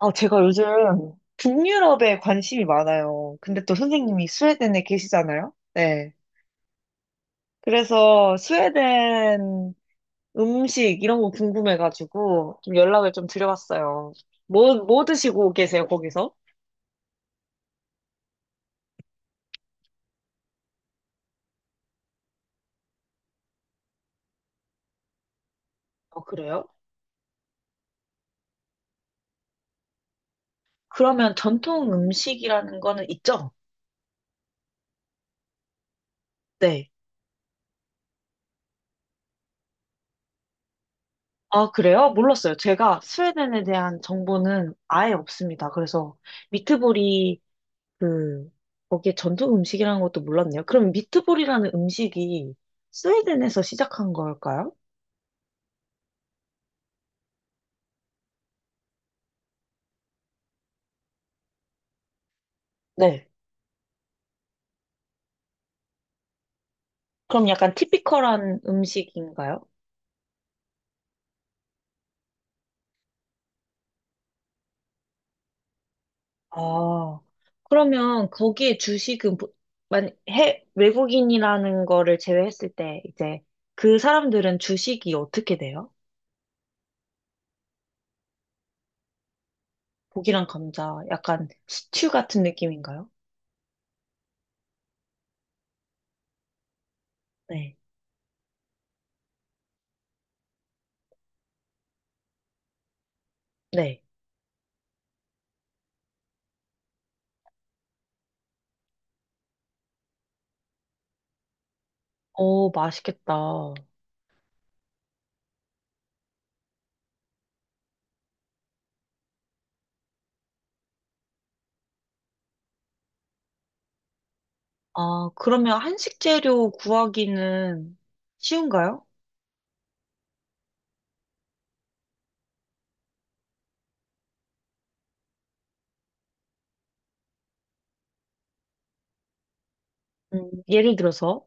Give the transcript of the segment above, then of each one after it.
아, 제가 요즘 북유럽에 관심이 많아요. 근데 또 선생님이 스웨덴에 계시잖아요? 네. 그래서 스웨덴 음식 이런 거 궁금해가지고 좀 연락을 좀 드려봤어요. 뭐 드시고 계세요, 거기서? 어, 그래요? 그러면 전통 음식이라는 거는 있죠? 네. 아, 그래요? 몰랐어요. 제가 스웨덴에 대한 정보는 아예 없습니다. 그래서 미트볼이 그, 거기에 전통 음식이라는 것도 몰랐네요. 그럼 미트볼이라는 음식이 스웨덴에서 시작한 걸까요? 네. 그럼 약간 티피컬한 음식인가요? 아, 그러면 거기에 주식은, 보- 만, 해, 외국인이라는 거를 제외했을 때, 이제 그 사람들은 주식이 어떻게 돼요? 고기랑 감자, 약간 스튜 같은 느낌인가요? 네. 네. 오, 맛있겠다. 아, 그러면 한식 재료 구하기는 쉬운가요? 예를 들어서.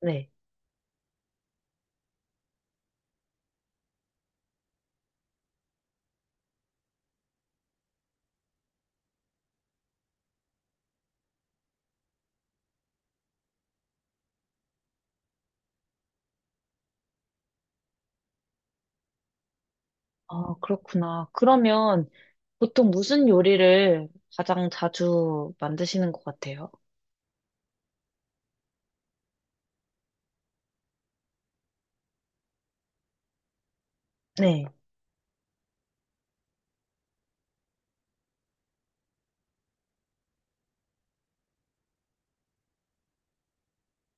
네. 아, 그렇구나. 그러면 보통 무슨 요리를 가장 자주 만드시는 것 같아요? 네.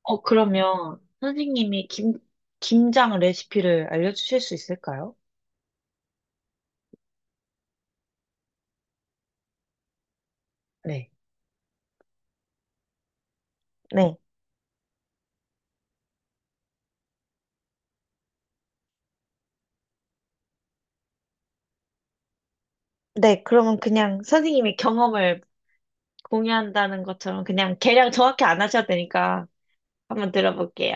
어, 그러면 김장 레시피를 알려주실 수 있을까요? 네. 네. 네. 그러면 그냥 선생님이 경험을 공유한다는 것처럼 그냥 계량 정확히 안 하셔도 되니까 한번 들어볼게요.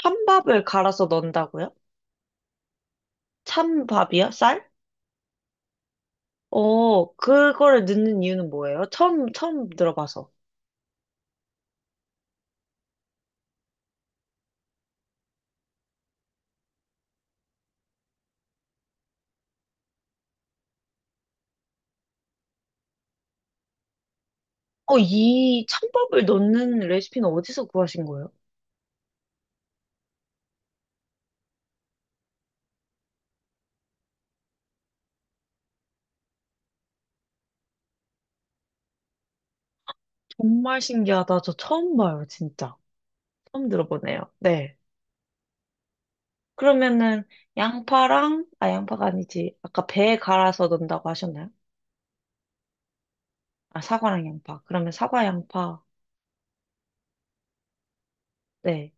찬밥을 갈아서 넣는다고요? 찬밥이요? 쌀? 어, 그거를 넣는 이유는 뭐예요? 처음 들어봐서. 어, 이 찬밥을 넣는 레시피는 어디서 구하신 거예요? 정말 신기하다. 저 처음 봐요, 진짜. 처음 들어보네요. 네. 그러면은, 양파랑, 아, 양파가 아니지. 아까 배에 갈아서 넣는다고 하셨나요? 아, 사과랑 양파. 그러면 사과, 양파. 네.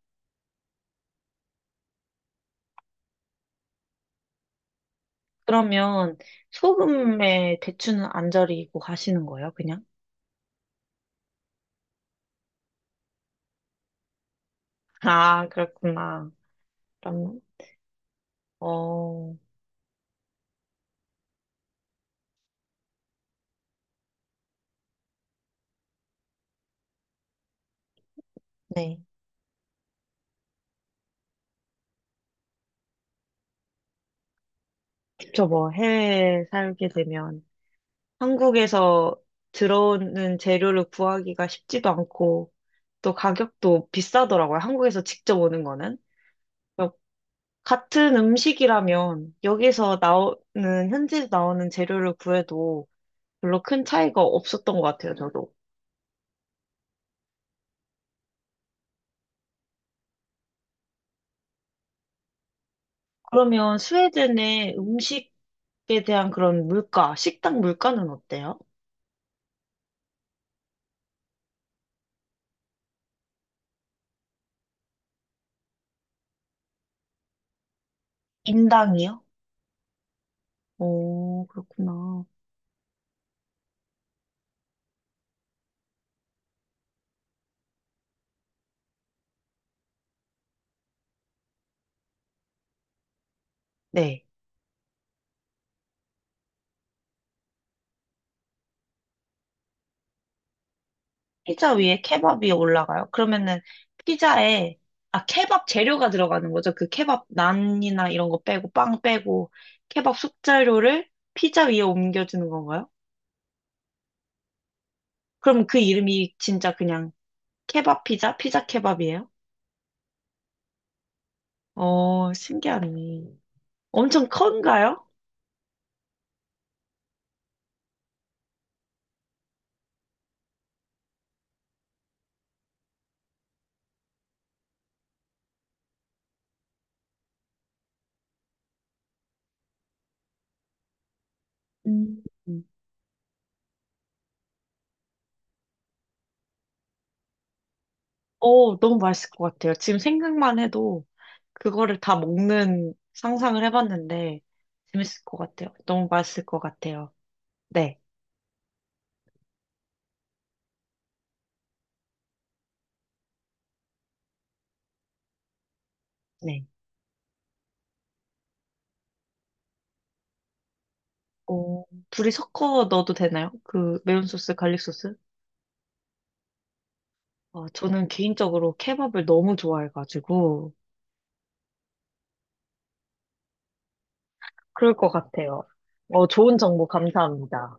그러면, 소금에 대추는 안 절이고 하시는 거예요, 그냥? 아, 그렇구나. 그럼, 어, 네. 저 뭐 해외에 살게 되면 한국에서 들어오는 재료를 구하기가 쉽지도 않고 또 가격도 비싸더라고요. 한국에서 직접 오는 거는. 그래서 같은 음식이라면 여기서 나오는, 현지에서 나오는 재료를 구해도 별로 큰 차이가 없었던 것 같아요, 저도. 그러면 스웨덴의 음식에 대한 그런 물가, 식당 물가는 어때요? 인당이요? 오, 그렇구나. 네. 피자 위에 케밥이 올라가요. 그러면은 피자에 아 케밥 재료가 들어가는 거죠. 그 케밥 난이나 이런 거 빼고 빵 빼고 케밥 숙재료를 피자 위에 옮겨주는 건가요? 그럼 그 이름이 진짜 그냥 케밥 피자, 피자 케밥이에요? 어, 신기하네. 엄청 큰가요? 음. 어, 너무 맛있을 것 같아요. 지금 생각만 해도 그거를 다 먹는 상상을 해봤는데 재밌을 것 같아요. 너무 맛있을 것 같아요. 네, 네. 어, 둘이 섞어 넣어도 되나요? 그 매운 소스, 갈릭 소스? 아, 저는 개인적으로 케밥을 너무 좋아해가지고. 그럴 것 같아요. 어, 좋은 정보 감사합니다.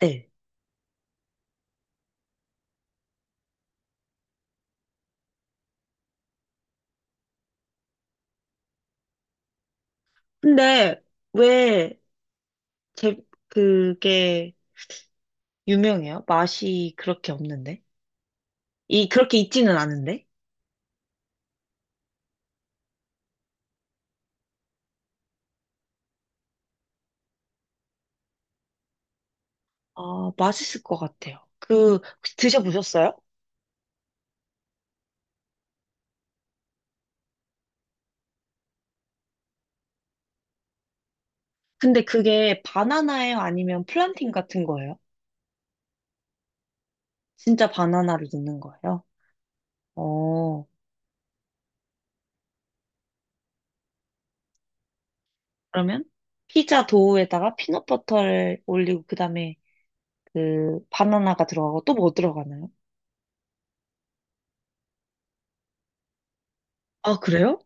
네. 근데 왜 제, 그게 유명해요? 맛이 그렇게 없는데? 이, 그렇게 있지는 않은데? 아, 맛있을 것 같아요. 그, 혹시 드셔보셨어요? 근데 그게 바나나예요? 아니면 플란팅 같은 거예요? 진짜 바나나를 넣는 거예요? 어. 그러면 피자 도우에다가 피넛버터를 올리고 그다음에 그 바나나가 들어가고 또 뭐 들어가나요? 아, 그래요?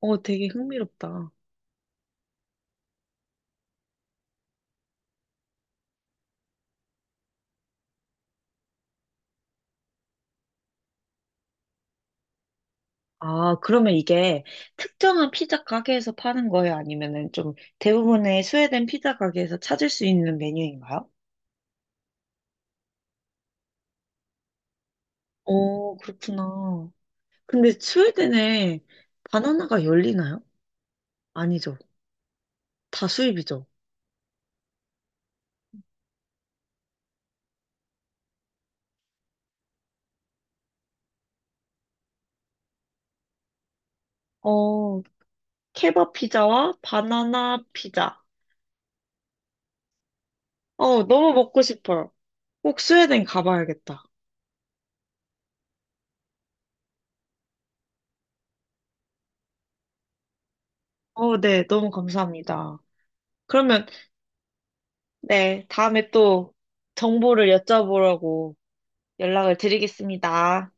어, 되게 흥미롭다. 아, 그러면 이게 특정한 피자 가게에서 파는 거예요? 아니면은 좀 대부분의 스웨덴 피자 가게에서 찾을 수 있는 메뉴인가요? 오 그렇구나. 근데 스웨덴에 바나나가 열리나요? 아니죠. 다 수입이죠. 어, 케밥 피자와 바나나 피자. 어, 너무 먹고 싶어요. 꼭 스웨덴 가봐야겠다. 어, 네, 너무 감사합니다. 그러면, 네, 다음에 또 정보를 여쭤보라고 연락을 드리겠습니다.